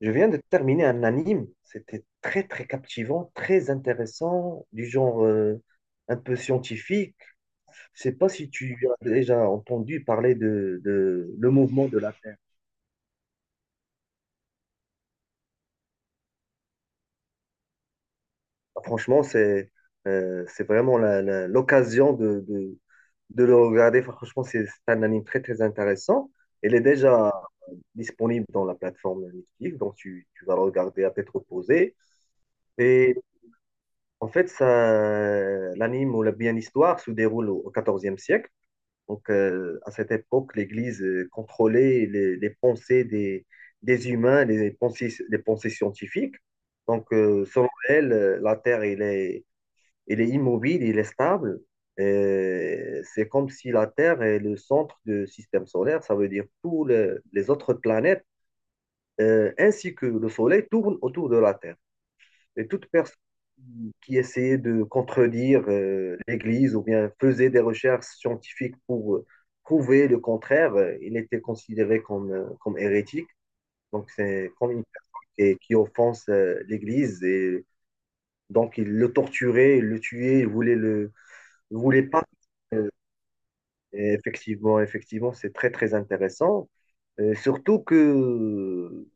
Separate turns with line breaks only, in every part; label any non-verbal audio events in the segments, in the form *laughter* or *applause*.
Je viens de terminer un anime. C'était très, très captivant, très intéressant, du genre un peu scientifique. Je sais pas si tu as déjà entendu parler de le mouvement de la Terre. Ah, franchement, c'est vraiment l'occasion de le regarder. Franchement, c'est un anime très, très intéressant. Il est déjà disponible dans la plateforme Netflix, donc tu vas le regarder à tête reposée. Et en fait, ça, l'anime ou la bien l'histoire se déroule au XIVe siècle. Donc, à cette époque, l'Église contrôlait les pensées des humains, les pensées scientifiques. Donc, selon elle, la Terre, elle est immobile, elle est stable. Et c'est comme si la Terre est le centre du système solaire, ça veut dire tous les autres planètes, ainsi que le Soleil, tournent autour de la Terre. Et toute personne qui essayait de contredire l'Église ou bien faisait des recherches scientifiques pour prouver le contraire, il était considéré comme hérétique. Donc c'est comme une personne qui offense l'Église et donc il le torturait, il le tuait, il voulait pas. euh, Effectivement, effectivement, c'est très très intéressant. Surtout que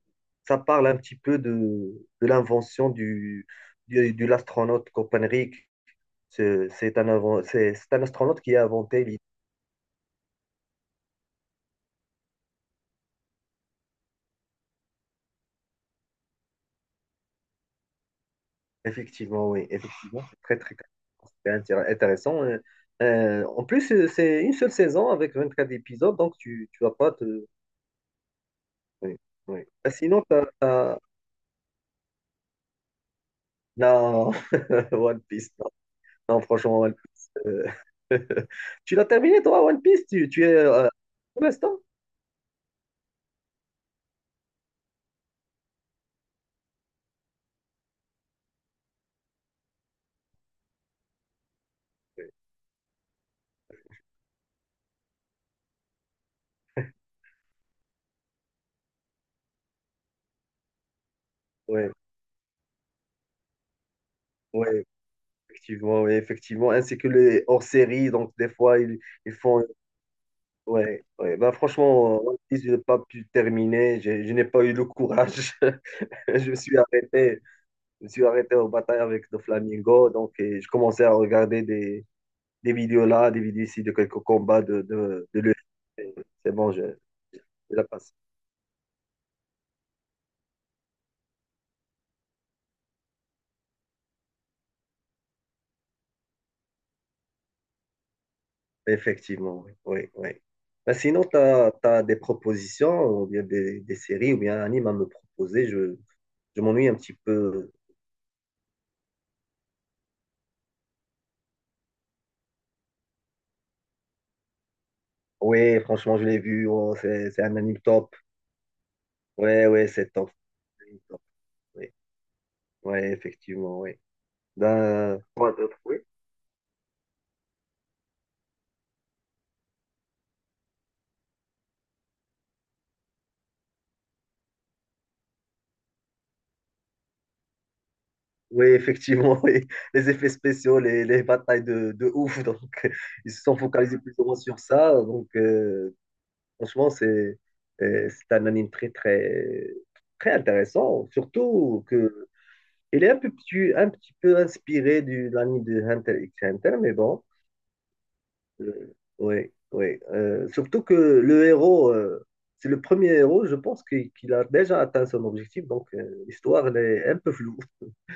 ça parle un petit peu de l'invention de l'astronaute Copernic. C'est un astronaute qui a inventé l'idée. Effectivement, oui, effectivement, c'est très très très intéressant. En plus, c'est une seule saison avec 24 épisodes, donc tu vas pas te. Oui, oui. Ah, sinon, t'as... Non, *laughs* One Piece. Non, franchement, One Piece. *laughs* Tu l'as terminé, toi, One Piece? Tu es pour l'instant? Oui, oui, effectivement, oui, effectivement. Ainsi que les hors-séries, donc des fois, ils font. Ouais, ouais. Bah, franchement, One Piece, je n'ai pas pu terminer. Je n'ai pas eu le courage. *laughs* Je me suis arrêté. Je me suis arrêté aux batailles avec le Flamingo. Donc, et je commençais à regarder des vidéos là, des vidéos ici de quelques combats de l'UFC. C'est bon, je la passe. Effectivement, oui, oui, oui. Ben, sinon, tu as, des propositions ou bien des séries ou bien un anime à me proposer. Je m'ennuie un petit peu. Oui, franchement, je l'ai vu. Oh, c'est un anime top. Oui, oui, c'est top. C'est un anime top, oui. Ouais, effectivement, oui. Ben, quoi d'autre? Oui. Oui, effectivement, *laughs* oui. Les effets spéciaux, les batailles de ouf. Donc, *laughs* ils se sont focalisés plus ou moins sur ça. Donc, franchement, c'est un anime très, très, très intéressant. Surtout que il est un peu, un petit peu inspiré de l'anime de Hunter x Hunter, mais bon. euh, oui, oui. Surtout que le héros, c'est le premier héros, je pense, qu'il a déjà atteint son objectif. Donc, l'histoire, elle est un peu floue. *laughs*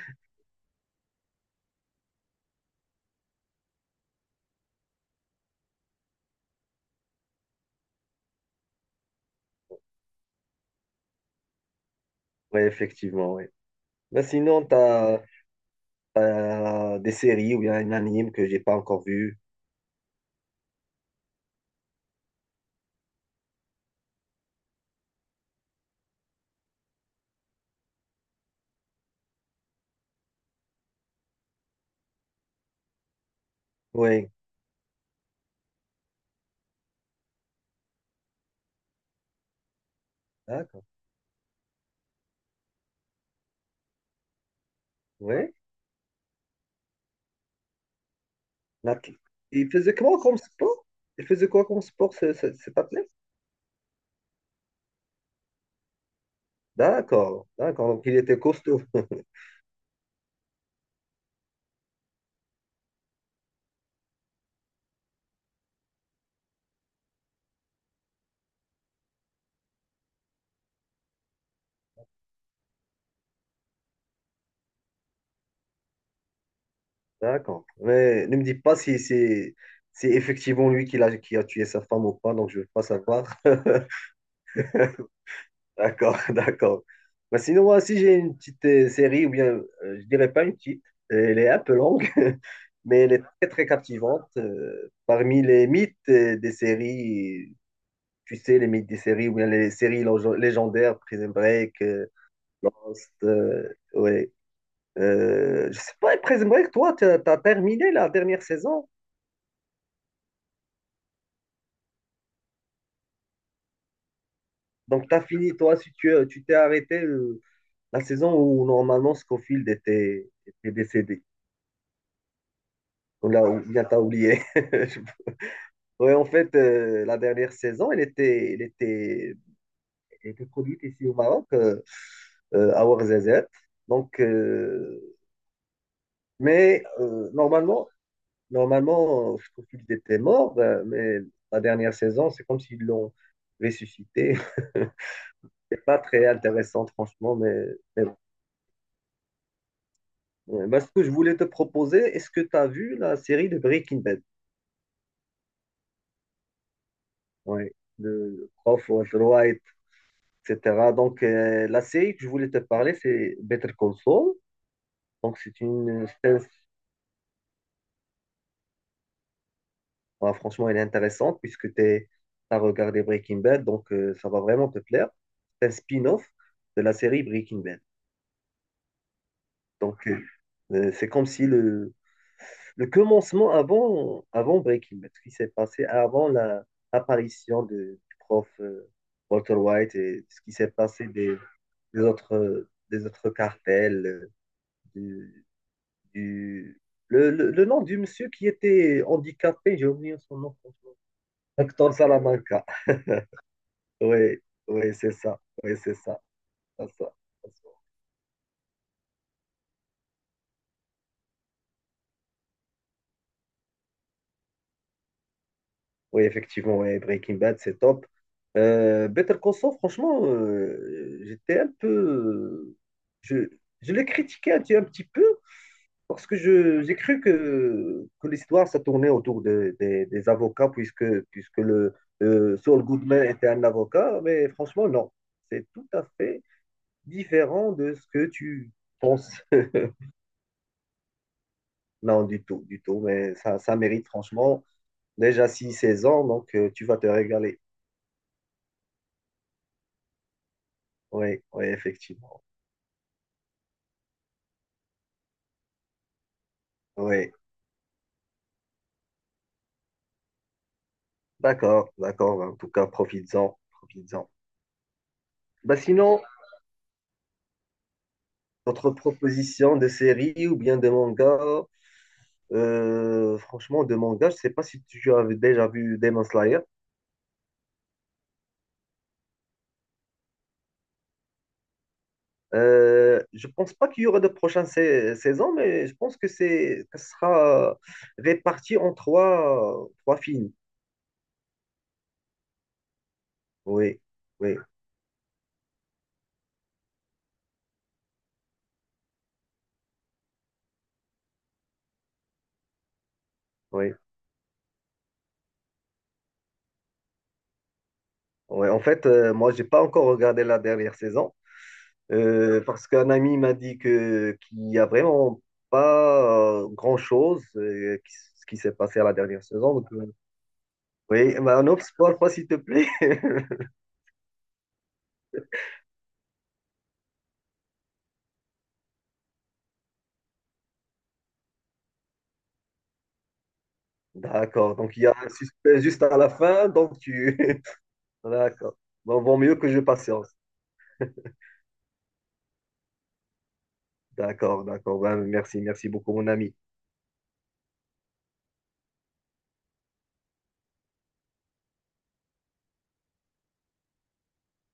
Oui, effectivement, oui. Mais sinon, tu as, des séries ou bien un anime que j'ai pas encore vu. Oui, d'accord. Oui. Nat- Il faisait quoi comme sport? Il faisait quoi comme sport, cet athlète? D'accord, d'accord. Donc il était costaud. *laughs* D'accord. Mais ne me dis pas si c'est effectivement lui qui qui a tué sa femme ou pas, donc je veux pas savoir. *laughs* D'accord, *laughs* d'accord. Bah, sinon, moi aussi, j'ai une petite série, ou bien, je dirais pas une petite, elle est un peu longue, *laughs* mais elle est très, très captivante. Parmi les mythes des séries, tu sais, les mythes des séries, ou bien les séries légendaires, Prison Break, Lost, ouais. Je sais pas, Prison Break, toi, tu as terminé la dernière saison, donc tu as fini, toi, si tu t'es arrêté la saison où normalement Scofield était décédé. On l'a bien t'as oublié. *laughs* Ouais, en fait, la dernière saison, elle était produite ici au Maroc, à Ouarzazate. Donc, mais normalement, je trouve qu'ils étaient morts, mais la dernière saison, c'est comme s'ils l'ont ressuscité. *laughs* C'est pas très intéressant, franchement, bon. Ouais, bah, ce que je voulais te proposer, est-ce que tu as vu la série de Breaking Bad? Ouais, de Prof. Walter White et cetera. Donc, la série que je voulais te parler, c'est Better Call Saul. Donc, c'est une série bah, franchement, elle est intéressante puisque tu as regardé Breaking Bad, donc ça va vraiment te plaire. C'est un spin-off de la série Breaking Bad. Donc, c'est comme si le commencement avant Breaking Bad, ce qui s'est passé avant l'apparition du prof Walter White et ce qui s'est passé des autres, des autres cartels, du- le nom du monsieur qui était handicapé, j'ai oublié son nom, franchement. Hector Salamanca. Oui, oui, c'est ça. Oui, c'est ça. C'est ça. C'est ça. Oui, effectivement, ouais, Breaking Bad, c'est top. Better Call Saul, franchement, j'étais un peu. Je, je l'ai critiqué un petit peu parce que j'ai cru que l'histoire, ça tournait autour des avocats, puisque Saul Goodman était un avocat, mais franchement, non. C'est tout à fait différent de ce que tu penses. *laughs* Non, du tout, mais ça mérite franchement déjà six 16 ans, donc tu vas te régaler. Oui, oui, effectivement. Oui, d'accord, d'accord. En tout cas, profites-en, profites-en. Bah, sinon, votre proposition de série ou bien de manga, franchement, de manga, je sais pas si tu as déjà vu Demon Slayer. Je pense pas qu'il y aura de prochaines saisons, mais je pense que c'est que ce sera réparti en trois, trois films. Oui, oui, oui. Ouais. En fait, moi, j'ai pas encore regardé la dernière saison parce qu'un ami m'a dit que qu'il y a vraiment pas grand-chose qui s'est passé à la dernière saison. Donc, oui, bah, un autre spoil, pas s'il te plaît. *laughs* D'accord. Donc, il y a un suspect juste à la fin, donc tu. *laughs* D'accord. Bon, vaut mieux que je patiente. D'accord, d'accord. Ben, merci, merci beaucoup, mon ami.